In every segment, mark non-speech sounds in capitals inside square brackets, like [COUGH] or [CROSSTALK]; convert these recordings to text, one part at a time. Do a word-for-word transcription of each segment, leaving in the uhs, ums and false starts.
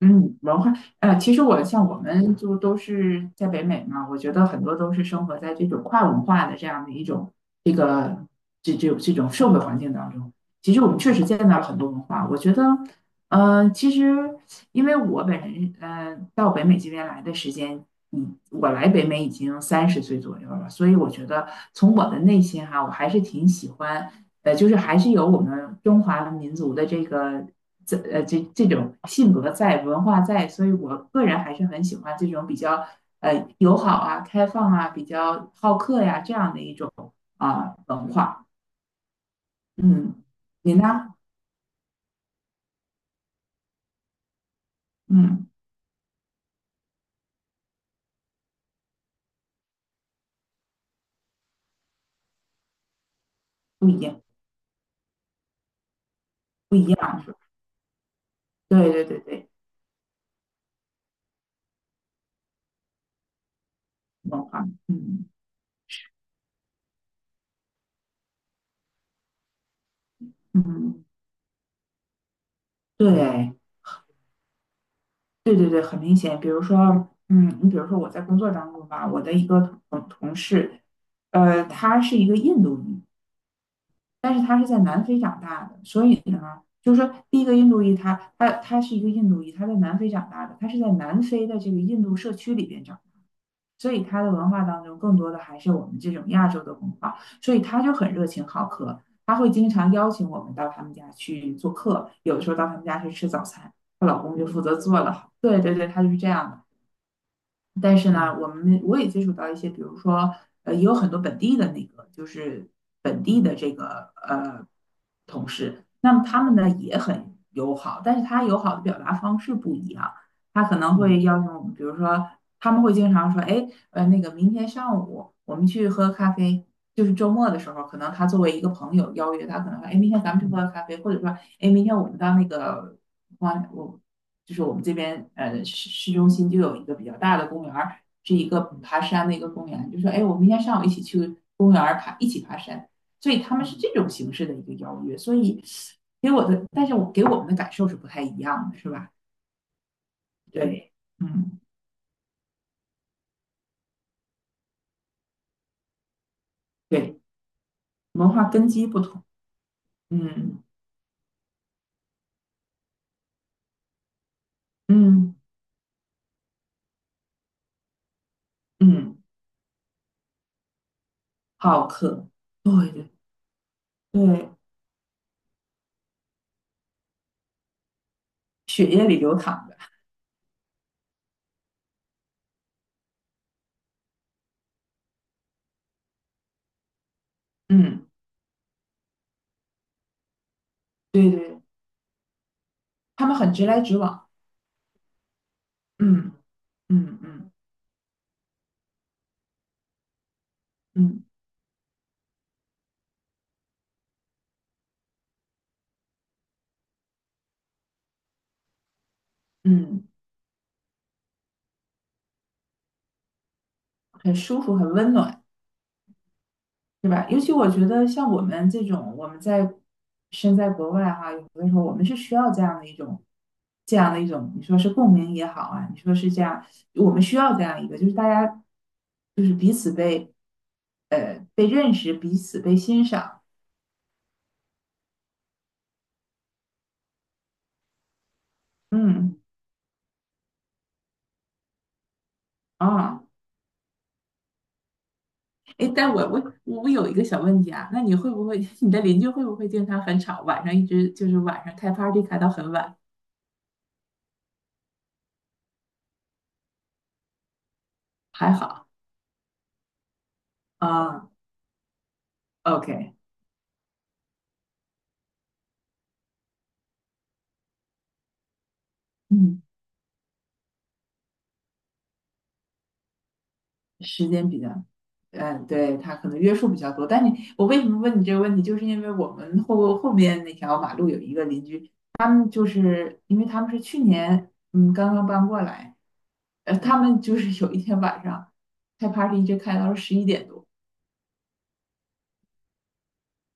嗯，文化，呃，其实我像我们就都是在北美嘛，我觉得很多都是生活在这种跨文化的这样的一种这个这这这种社会环境当中。其实我们确实见到了很多文化，我觉得，嗯、其实因为我本人，呃，到北美这边来的时间，嗯，我来北美已经三十岁左右了，所以我觉得从我的内心哈，我还是挺喜欢，呃，就是还是有我们中华民族的这个。这呃这这种性格在，文化在，所以我个人还是很喜欢这种比较呃友好啊、开放啊、比较好客呀、这样的一种啊、文化。嗯，你呢？嗯，不一样，不一样。对对对对，文化。嗯嗯，对对对对，很明显。比如说，嗯，你比如说我在工作当中吧，我的一个同同事，呃，他是一个印度裔。但是他是在南非长大的，所以呢，就是说，第一个印度裔他，他他是一个印度裔，他在南非长大的，他是在南非的这个印度社区里边长大。所以他的文化当中更多的还是我们这种亚洲的文化，所以他就很热情好客，他会经常邀请我们到他们家去做客，有的时候到他们家去吃早餐，她老公就负责做了，[LAUGHS] 对对对，他就是这样的。但是呢，我们我也接触到一些，比如说，呃，也有很多本地的那个，就是本地的这个呃同事，那么他们呢也很友好，但是他友好的表达方式不一样，他可能嗯会要用，比如说他们会经常说，哎，呃，那个明天上午我们去喝咖啡，就是周末的时候，可能他作为一个朋友邀约，他可能说，哎，明天咱们去喝嗯咖啡，或者说，哎，明天我们到那个，我我就是我们这边呃市市中心就有一个比较大的公园是一个爬山的一个公园，就说哎，我明天上午一起去公园爬，一起爬山。所以他们是这种形式的一个邀约，所以给我的，但是我给我们的感受是不太一样的，是吧？对，嗯，对，文化根基不同，嗯嗯嗯，好客，对对对，血液里流淌的，嗯，对对，他们很直来直往，嗯嗯嗯嗯嗯。嗯很舒服，很温暖，是吧？尤其我觉得像我们这种，我们在身在国外哈，有的时候我们是需要这样的一种，这样的一种，你说是共鸣也好啊，你说是这样，我们需要这样一个，就是大家就是彼此被呃被认识，彼此被欣赏，嗯啊，哎，但我我我有一个小问题啊。那你会不会 [LAUGHS] 你的邻居会不会经常很吵，晚上一直就是晚上开 party 开到很晚？还好啊，OK，嗯。时间比较，嗯，对，他可能约束比较多。但你，我为什么问你这个问题，就是因为我们后后面那条马路有一个邻居，他们就是因为他们是去年嗯刚刚搬过来，呃，他们就是有一天晚上开 party 一直开到了十一点多，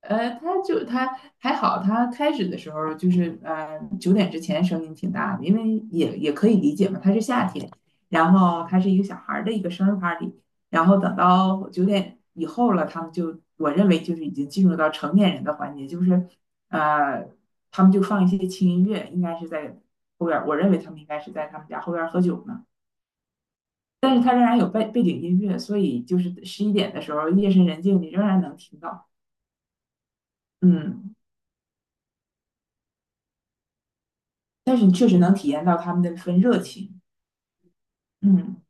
呃，他就他还好，他开始的时候就是呃九点之前声音挺大的，因为也也可以理解嘛，他是夏天，然后他是一个小孩儿的一个生日 party，然后等到九点以后了，他们就我认为就是已经进入到成年人的环节，就是呃他们就放一些轻音乐，应该是在后边儿，我认为他们应该是在他们家后边儿喝酒呢，但是他仍然有背背景音乐，所以就是十一点的时候夜深人静，你仍然能听到，嗯。但是你确实能体验到他们的那份热情。嗯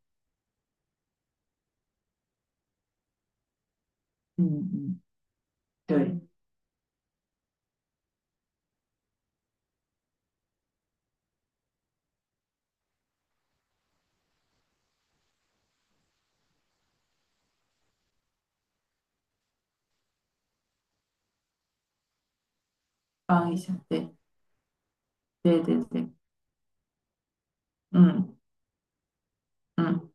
嗯嗯，对，嗯帮一下，对对对对，嗯嗯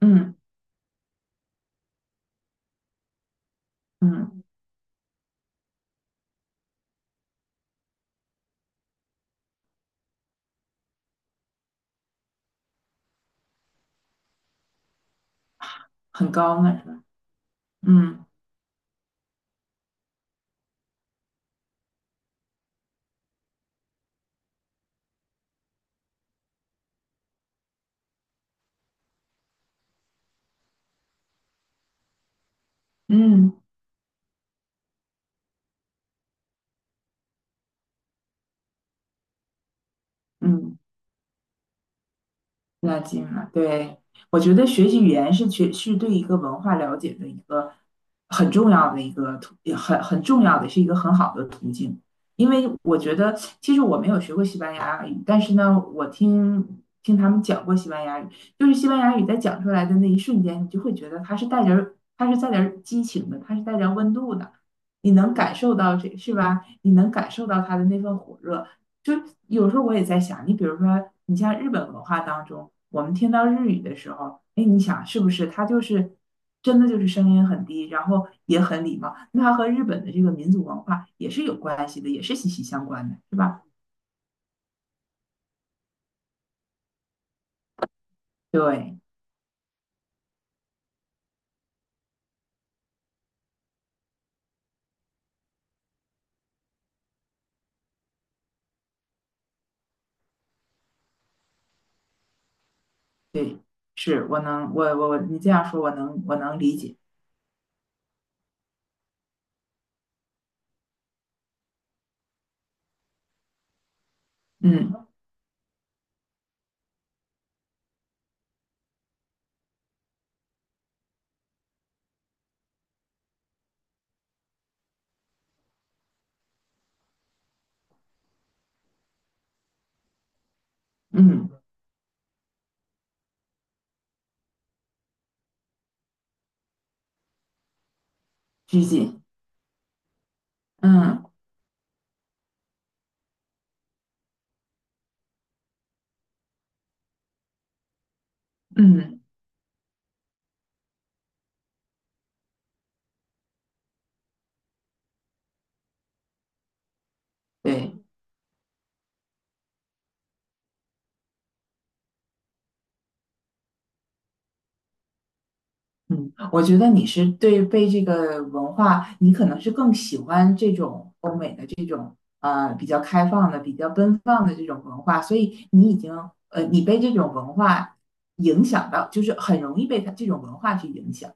嗯嗯，很高呢，是吧？嗯嗯嗯。那近了，对，我觉得学习语言是学是对一个文化了解的一个很重要的一个途，也很很重要的是一个很好的途径。因为我觉得，其实我没有学过西班牙语，但是呢，我听听他们讲过西班牙语，就是西班牙语在讲出来的那一瞬间，你就会觉得它是带点儿它是带点儿激情的，它是带点儿温度的，你能感受到这是吧？你能感受到它的那份火热。就有时候我也在想，你比如说，你像日本文化当中，我们听到日语的时候，哎，你想是不是它就是真的就是声音很低，然后也很礼貌，那它和日本的这个民族文化也是有关系的，也是息息相关的，是吧？对对，是我能我我我你这样说，我能我能理解。嗯嗯，拘谨，嗯嗯，对。嗯，我觉得你是对被这个文化，你可能是更喜欢这种呃比较开放的、比较奔放的这种文化，所以你已经呃你被这种文化影响到，就是很容易被它这种文化去影响。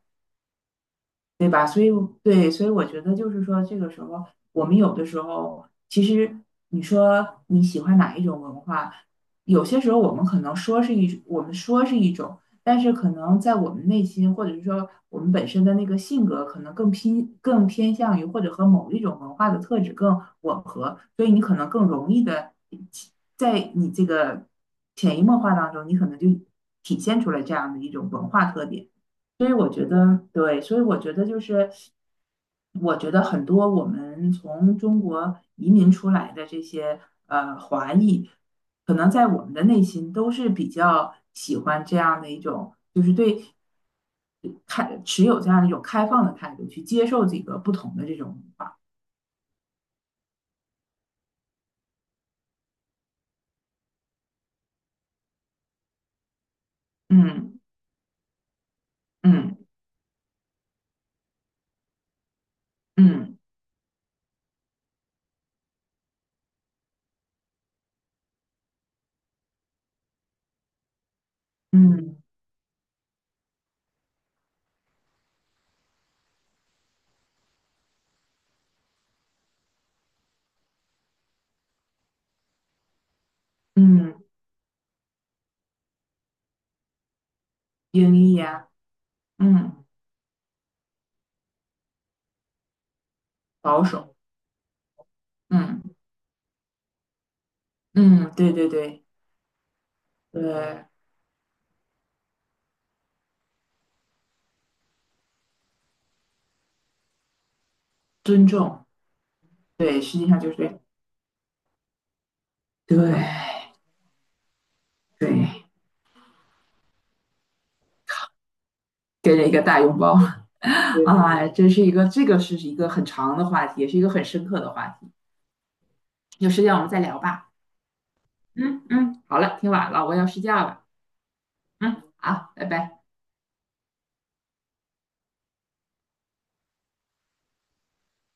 对吧？所以对，所以我觉得就是说，这个时候我们有的时候，其实你说你喜欢哪一种文化，有些时候我们可能说是一，我们说是一种，但是可能在我们内心，或者是说我们本身的那个性格，可能更偏更偏向于或者和某一种文化的特质更吻合，所以你可能更容易的在你这个潜移默化当中，你可能就体现出来这样的一种文化特点。所以我觉得，对，所以我觉得就是，我觉得很多我们从中国移民出来的这些呃华裔，可能在我们的内心都是比较喜欢这样的一种，就是对开持有这样一种开放的态度去接受这个不同的这种文化。嗯嗯嗯嗯嗯，英译呀，嗯，保守，嗯嗯，对对对，呃，尊重，对，实际上就是对对对，给了一个大拥抱，啊！真是一个这个是一个很长的话题，也是一个很深刻的话题，有时间我们再聊吧。嗯嗯，好了，挺晚了，我要睡觉了。嗯，好，拜拜。